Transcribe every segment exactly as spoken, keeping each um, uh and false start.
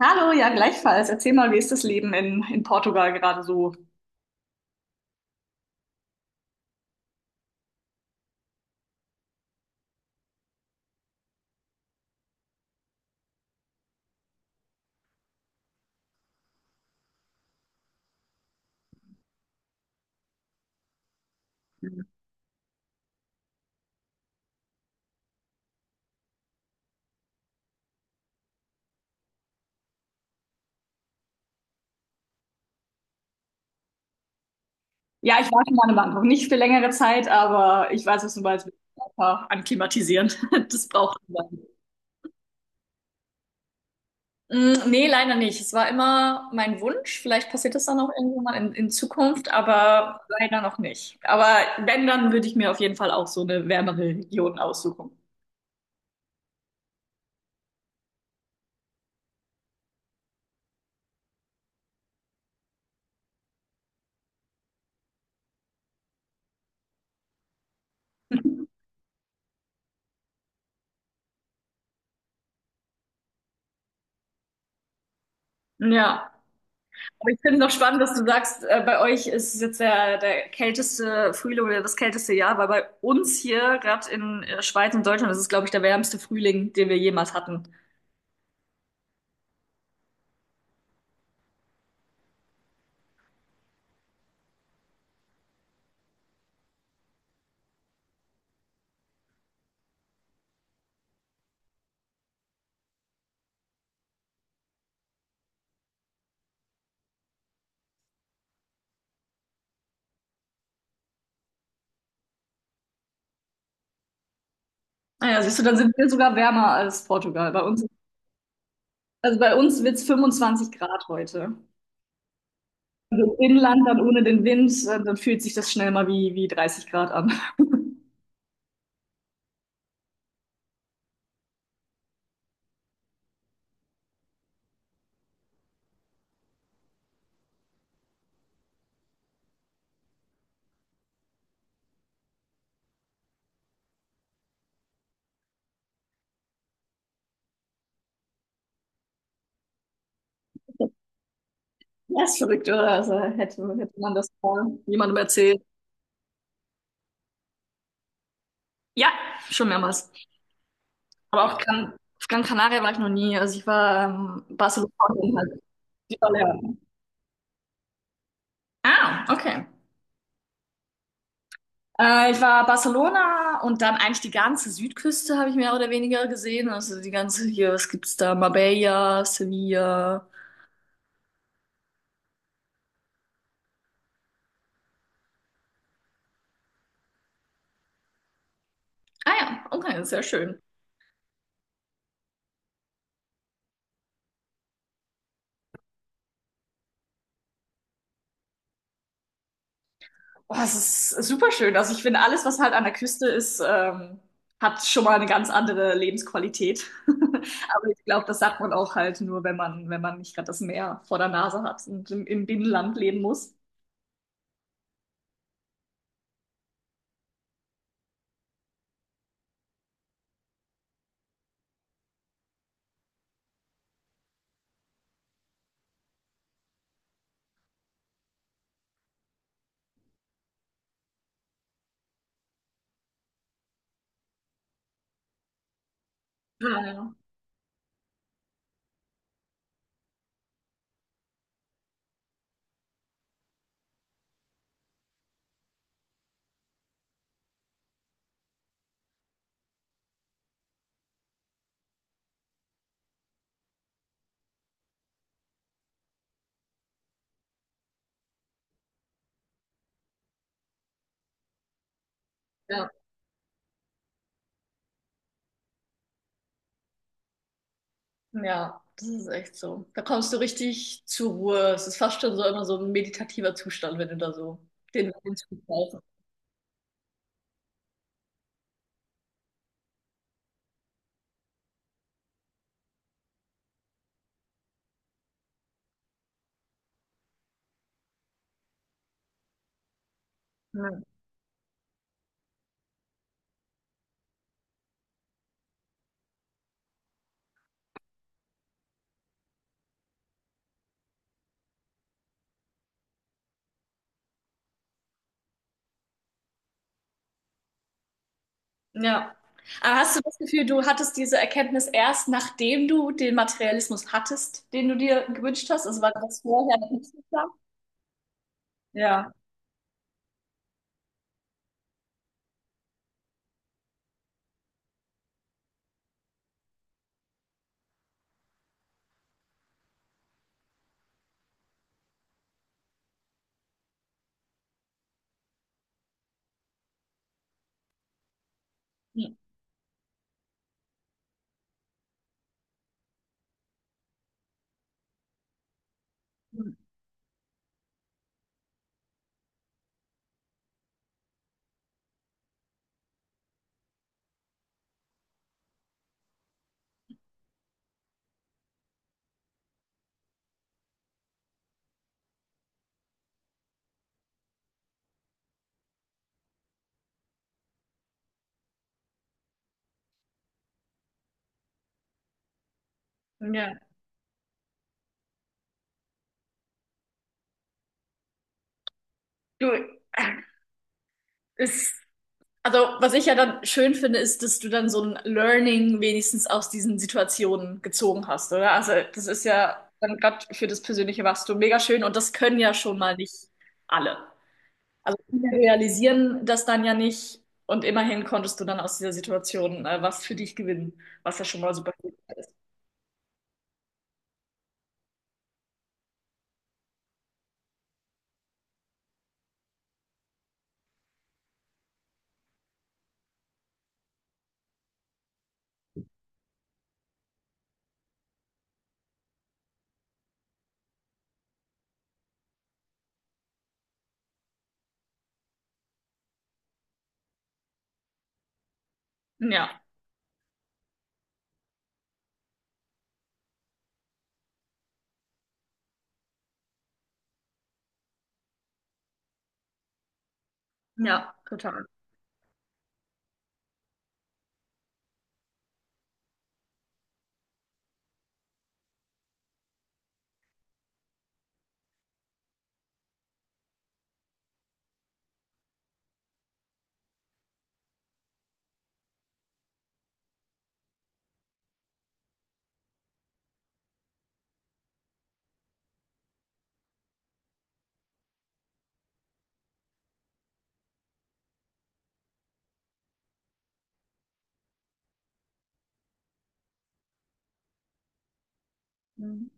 Hallo, ja, gleichfalls. Erzähl mal, wie ist das Leben in, in Portugal gerade so? Ja, ich war schon mal in Bangkok. Nicht für längere Zeit, aber ich weiß, was du meinst, mit Körper Anklimatisieren. Das braucht man. Mm, nee, leider nicht. Es war immer mein Wunsch. Vielleicht passiert das dann auch irgendwann mal in, in Zukunft, aber leider noch nicht. Aber wenn, dann würde ich mir auf jeden Fall auch so eine wärmere Region aussuchen. Ja. Aber ich finde noch spannend, dass du sagst, äh, bei euch ist es jetzt der, der kälteste Frühling oder das kälteste Jahr, weil bei uns hier, gerade in äh, Schweiz und Deutschland, ist es, glaube ich, der wärmste Frühling, den wir jemals hatten. Naja, siehst du, dann sind wir sogar wärmer als Portugal. Bei uns, also bei uns wird es fünfundzwanzig Grad heute. Also im Inland dann ohne den Wind, äh, dann fühlt sich das schnell mal wie, wie dreißig Grad an. Das ist verrückt, oder? Also hätte, hätte man das mal jemandem erzählt. Ja, schon mehrmals. Aber auf Gran, auf Gran Canaria war ich noch nie. Also ich war ähm, Barcelona und halt die Balearen. Ah, okay. Äh, ich war Barcelona und dann eigentlich die ganze Südküste habe ich mehr oder weniger gesehen. Also die ganze hier, was gibt's da? Marbella, Sevilla. Ah ja, okay, sehr schön. Oh, es ist super schön. Also ich finde, alles, was halt an der Küste ist, ähm, hat schon mal eine ganz andere Lebensqualität. Aber ich glaube, das sagt man auch halt nur, wenn man, wenn man nicht gerade das Meer vor der Nase hat und im, im Binnenland leben muss. Ja, ja, ja, das ist echt so. Da kommst du richtig zur Ruhe. Es ist fast schon so immer so ein meditativer Zustand, wenn du da so den Wind brauchst. Ja. Ja. Aber hast du das Gefühl, du hattest diese Erkenntnis erst, nachdem du den Materialismus hattest, den du dir gewünscht hast? Also war das vorher noch nicht so klar? Ja. Mhm. Ja. Du, es Also, was ich ja dann schön finde, ist, dass du dann so ein Learning wenigstens aus diesen Situationen gezogen hast, oder? Also, das ist ja dann gerade für das persönliche Wachstum mega schön und das können ja schon mal nicht alle. Also, viele realisieren das dann ja nicht und immerhin konntest du dann aus dieser Situation äh, was für dich gewinnen, was ja schon mal super hilfreich ist. Ja, ja, total. Mhm.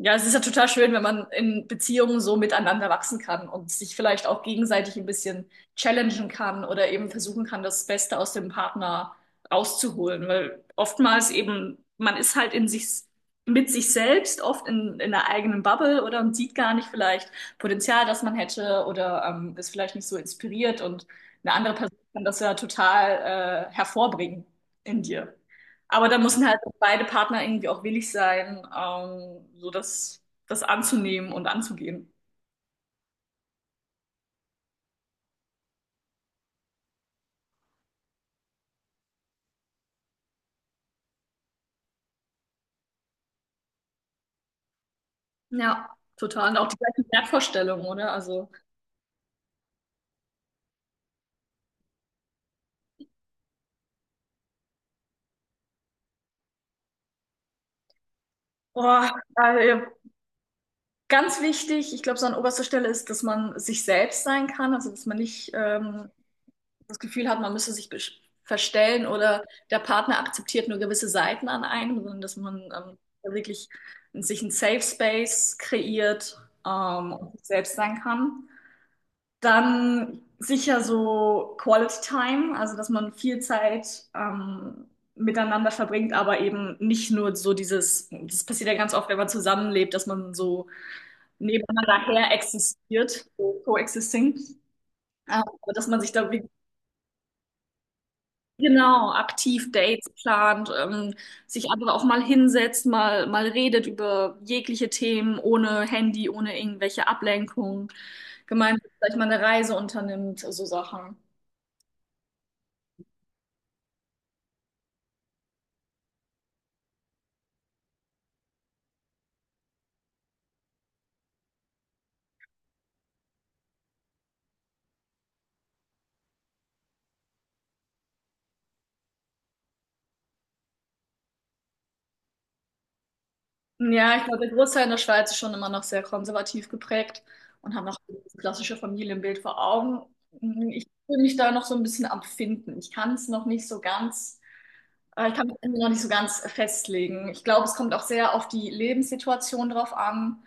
Ja, es ist ja total schön, wenn man in Beziehungen so miteinander wachsen kann und sich vielleicht auch gegenseitig ein bisschen challengen kann oder eben versuchen kann, das Beste aus dem Partner rauszuholen. Weil oftmals eben, man ist halt in sich, mit sich selbst, oft in, in einer eigenen Bubble oder und sieht gar nicht vielleicht Potenzial, das man hätte oder ähm, ist vielleicht nicht so inspiriert und eine andere Person kann das ja total äh, hervorbringen in dir. Aber da müssen halt beide Partner irgendwie auch willig sein, ähm, so das, das anzunehmen und anzugehen. Ja, total. Und auch die gleichen Wertvorstellungen, oder? Also, boah, also ja, ganz wichtig, ich glaube, so an oberster Stelle ist, dass man sich selbst sein kann, also dass man nicht ähm, das Gefühl hat, man müsse sich besch- verstellen oder der Partner akzeptiert nur gewisse Seiten an einem, sondern dass man ähm, wirklich sich einen Safe Space kreiert, ähm, und sich selbst sein kann. Dann sicher so Quality Time, also dass man viel Zeit ähm, miteinander verbringt, aber eben nicht nur so dieses, das passiert ja ganz oft, wenn man zusammenlebt, dass man so nebeneinander her existiert, so coexisting, ähm, aber dass man sich da wirklich genau aktiv Dates plant, ähm, sich aber auch mal hinsetzt, mal, mal redet über jegliche Themen, ohne Handy, ohne irgendwelche Ablenkung, gemeinsam vielleicht mal eine Reise unternimmt, so Sachen. Ja, ich glaube, der Großteil in der Schweiz ist schon immer noch sehr konservativ geprägt und haben noch das klassische Familienbild vor Augen. Hm, ich fühle mich da noch so ein bisschen am Finden. Ich kann es noch nicht so ganz, äh, ich kann mich irgendwie noch nicht so ganz festlegen. Ich glaube, es kommt auch sehr auf die Lebenssituation drauf an,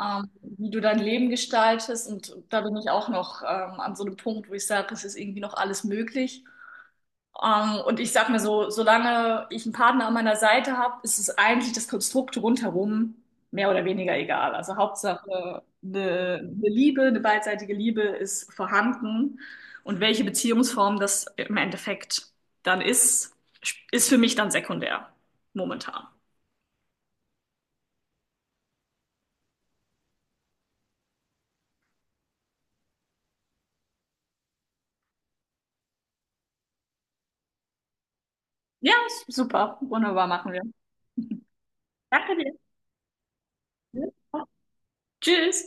ähm, wie du dein Leben gestaltest. Und da bin ich auch noch ähm, an so einem Punkt, wo ich sage, es ist irgendwie noch alles möglich. Ähm, und ich sag mir so, solange ich einen Partner an meiner Seite habe, ist es eigentlich das Konstrukt rundherum mehr oder weniger egal. Also Hauptsache, eine, eine Liebe, eine beidseitige Liebe ist vorhanden. Und welche Beziehungsform das im Endeffekt dann ist, ist für mich dann sekundär momentan. Ja, super. Wunderbar, machen wir. Danke dir. Tschüss.